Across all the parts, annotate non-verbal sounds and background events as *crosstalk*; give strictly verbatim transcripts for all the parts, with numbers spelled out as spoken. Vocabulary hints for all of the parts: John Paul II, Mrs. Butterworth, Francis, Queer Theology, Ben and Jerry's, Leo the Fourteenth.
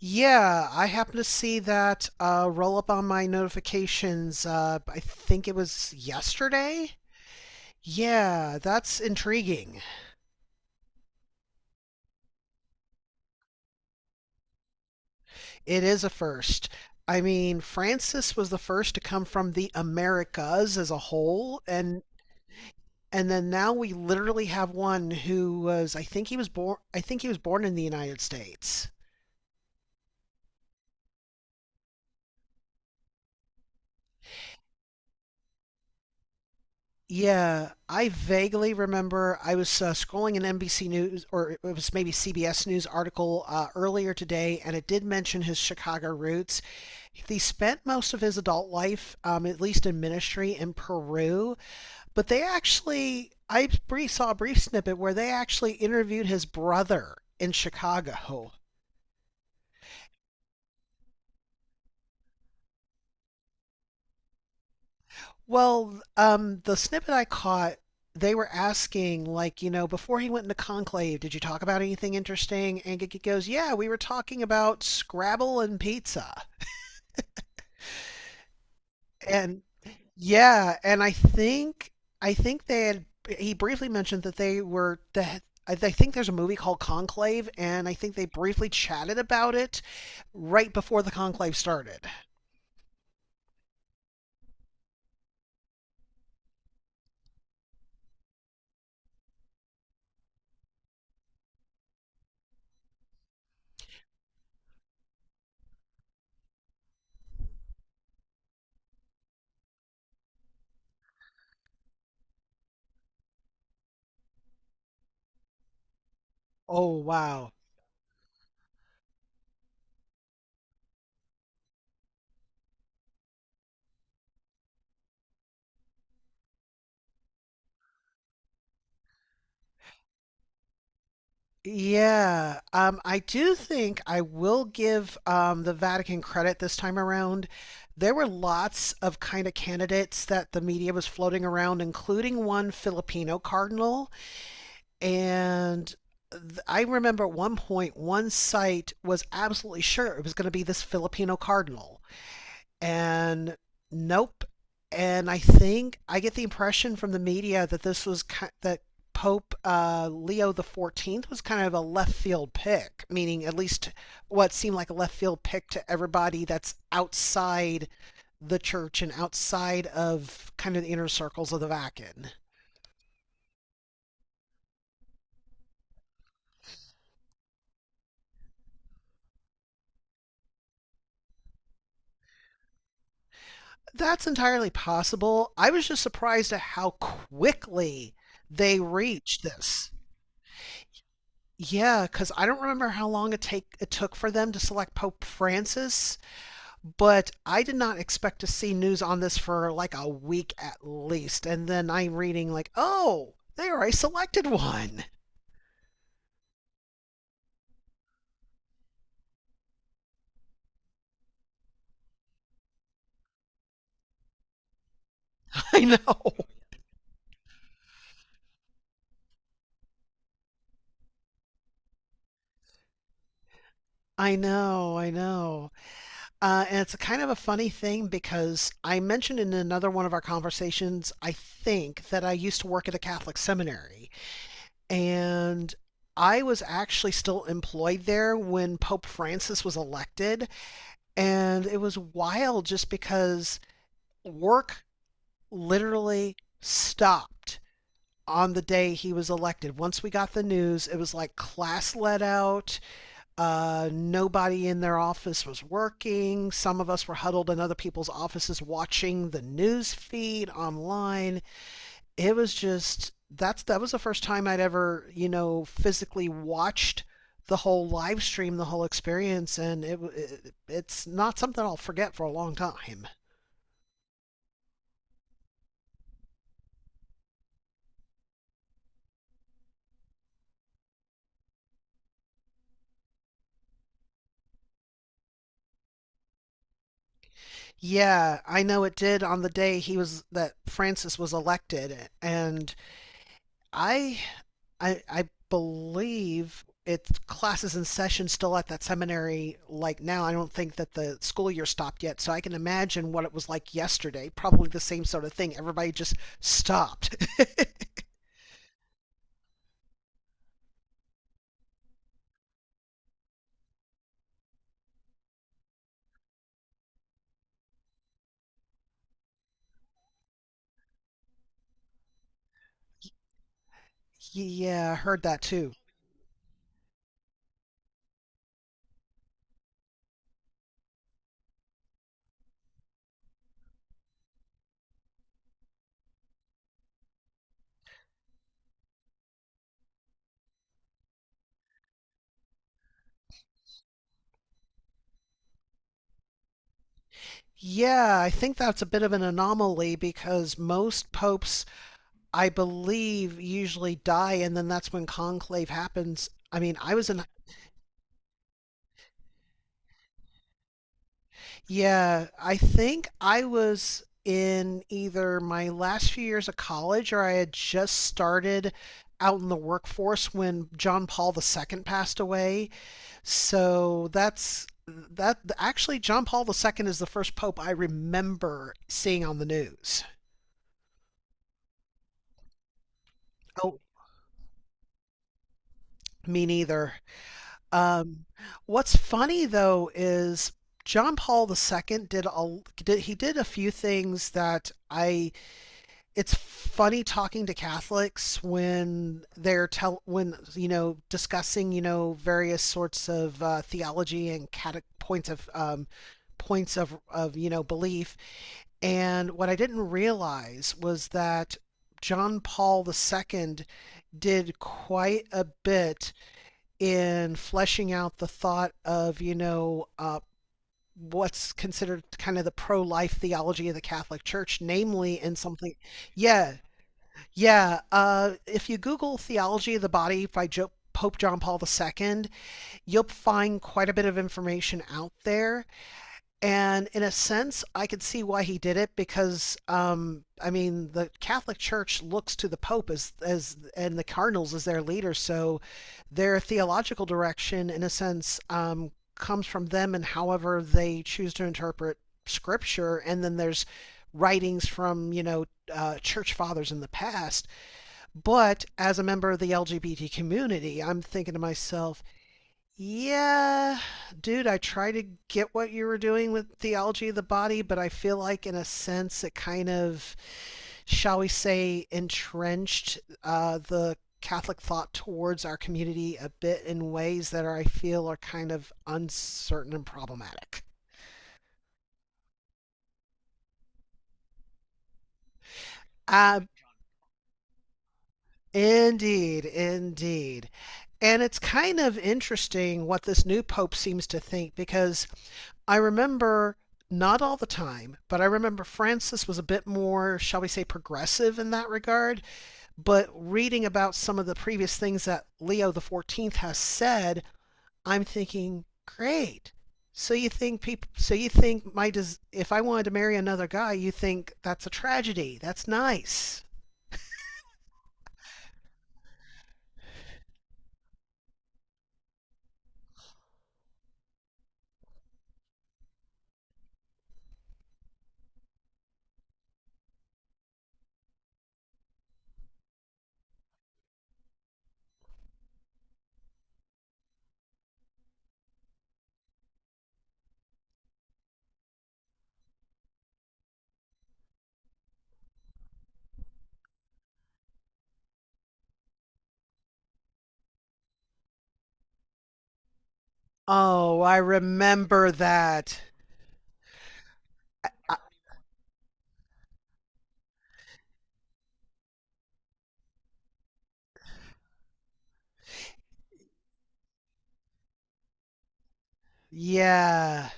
Yeah, I happen to see that uh, roll up on my notifications. Uh, I think it was yesterday. Yeah, that's intriguing. It is a first. I mean, Francis was the first to come from the Americas as a whole, and and then now we literally have one who was. I think he was born. I think he was born in the United States. Yeah, I vaguely remember I was uh, scrolling an N B C News or it was maybe C B S News article uh, earlier today, and it did mention his Chicago roots. He spent most of his adult life, um, at least in ministry, in Peru, but they actually, I brief, saw a brief snippet where they actually interviewed his brother in Chicago. Well, um, the snippet I caught, they were asking, like, you know, before he went into Conclave, did you talk about anything interesting? And Gigi goes, yeah, we were talking about Scrabble and pizza. And Yeah, and I think I think they had he briefly mentioned that they were that I I think there's a movie called Conclave, and I think they briefly chatted about it right before the conclave started. Oh wow. Yeah, um, I do think I will give um, the Vatican credit this time around. There were lots of kind of candidates that the media was floating around, including one Filipino cardinal. And th- I remember at one point, one site was absolutely sure it was going to be this Filipino cardinal and nope. And I think I get the impression from the media that this was that Pope uh, Leo the Fourteenth was kind of a left field pick, meaning at least what seemed like a left field pick to everybody that's outside the church and outside of kind of the inner circles of the Vatican. That's entirely possible. I was just surprised at how quickly they reached this. Yeah, because I don't remember how long it take it took for them to select Pope Francis, but I did not expect to see news on this for like a week at least. And then I'm reading like, oh, they already selected one. *laughs* I know. I know, I know. Uh, and it's a kind of a funny thing because I mentioned in another one of our conversations, I think, that I used to work at a Catholic seminary. And I was actually still employed there when Pope Francis was elected. And it was wild just because work literally stopped on the day he was elected. Once we got the news, it was like class let out. Uh, nobody in their office was working. Some of us were huddled in other people's offices watching the news feed online. It was just that's that was the first time I'd ever you know physically watched the whole live stream, the whole experience, and it, it it's not something I'll forget for a long time. Yeah, I know it did on the day he was that Francis was elected, and I, I, I believe it's classes and sessions still at that seminary like now. I don't think that the school year stopped yet, so I can imagine what it was like yesterday. Probably the same sort of thing. Everybody just stopped. *laughs* Yeah, I heard that too. Yeah, I think that's a bit of an anomaly because most popes, I believe, usually die, and then that's when conclave happens. I mean, I was in, yeah, I think I was in either my last few years of college or I had just started out in the workforce when John Paul the second passed away. So that's that actually John Paul the second is the first pope I remember seeing on the news. Oh, me neither. Um, what's funny though is John Paul the second did a did, he did a few things that I it's funny talking to Catholics when they're tell when you know discussing you know various sorts of uh, theology and cate- points of um, points of of you know belief. And what I didn't realize was that John Paul the second did quite a bit in fleshing out the thought of, you know, uh, what's considered kind of the pro-life theology of the Catholic Church, namely in something. Yeah, yeah. Uh, if you Google theology of the body by jo- Pope John Paul the second, you'll find quite a bit of information out there, and in a sense, I could see why he did it because, um, I mean, the Catholic Church looks to the Pope as as and the cardinals as their leader, so their theological direction, in a sense, um, comes from them and however they choose to interpret Scripture. And then there's writings from you know uh, church fathers in the past. But as a member of the L G B T community, I'm thinking to myself, yeah, dude, I try to get what you were doing with theology of the body, but I feel like, in a sense, it kind of, shall we say, entrenched uh, the Catholic thought towards our community a bit in ways that are, I feel, are kind of uncertain and problematic. Uh, indeed, indeed. And it's kind of interesting what this new pope seems to think because I remember not all the time, but I remember Francis was a bit more, shall we say, progressive in that regard. But reading about some of the previous things that Leo the Fourteenth has said, I'm thinking, great. So you think people? So you think my des- if I wanted to marry another guy, you think that's a tragedy? That's nice. Oh, I remember that. I- yeah.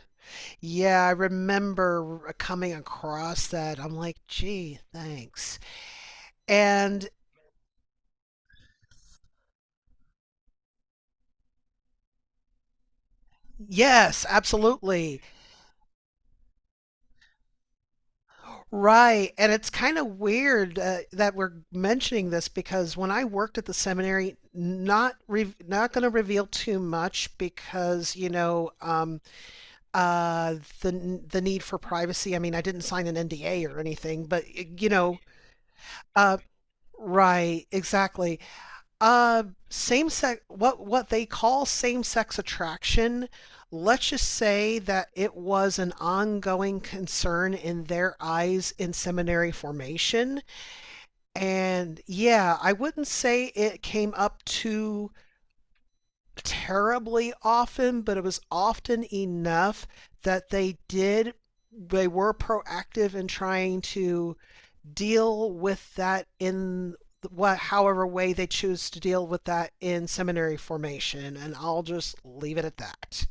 Yeah, I remember coming across that. I'm like, gee, thanks. And yes, absolutely. Right. And it's kind of weird uh, that we're mentioning this because when I worked at the seminary, not re- not going to reveal too much because, you know, um, uh, the the need for privacy. I mean, I didn't sign an N D A or anything, but you know, uh, right, exactly. Uh, same sex, what what they call same sex attraction. Let's just say that it was an ongoing concern in their eyes in seminary formation. And yeah, I wouldn't say it came up too terribly often, but it was often enough that they did, they were proactive in trying to deal with that in what however way they choose to deal with that in seminary formation, and I'll just leave it at that.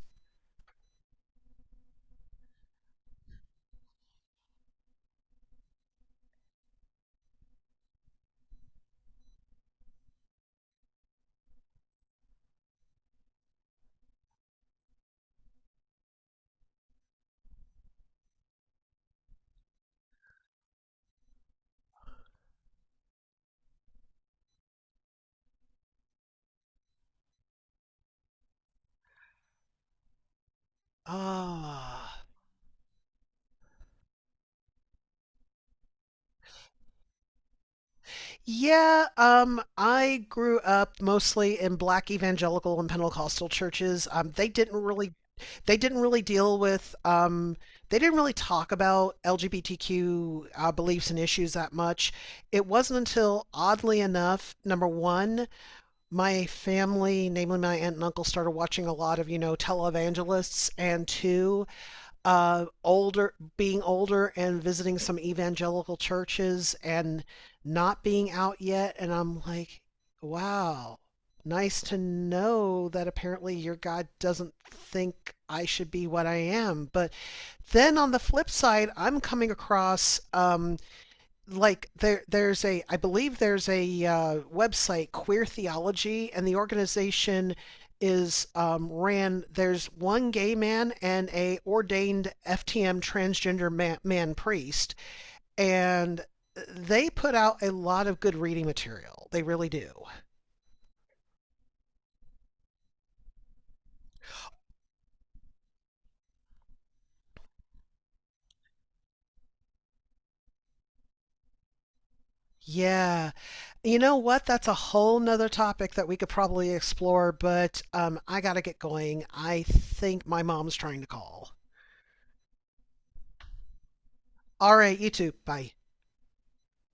Ah. Uh, yeah, um I grew up mostly in black evangelical and Pentecostal churches. Um they didn't really they didn't really deal with um, they didn't really talk about L G B T Q uh, beliefs and issues that much. It wasn't until, oddly enough, number one, my family, namely my aunt and uncle, started watching a lot of, you know, televangelists, and two, uh, older, being older and visiting some evangelical churches and not being out yet. And I'm like, wow, nice to know that apparently your God doesn't think I should be what I am. But then on the flip side, I'm coming across um, like there there's a I believe there's a uh, website, Queer Theology, and the organization is um, ran. There's one gay man and a ordained F T M transgender man, man priest, and they put out a lot of good reading material. They really do. Yeah. You know what? That's a whole nother topic that we could probably explore, but um, I got to get going. I think my mom's trying to call. All right, you too. Bye.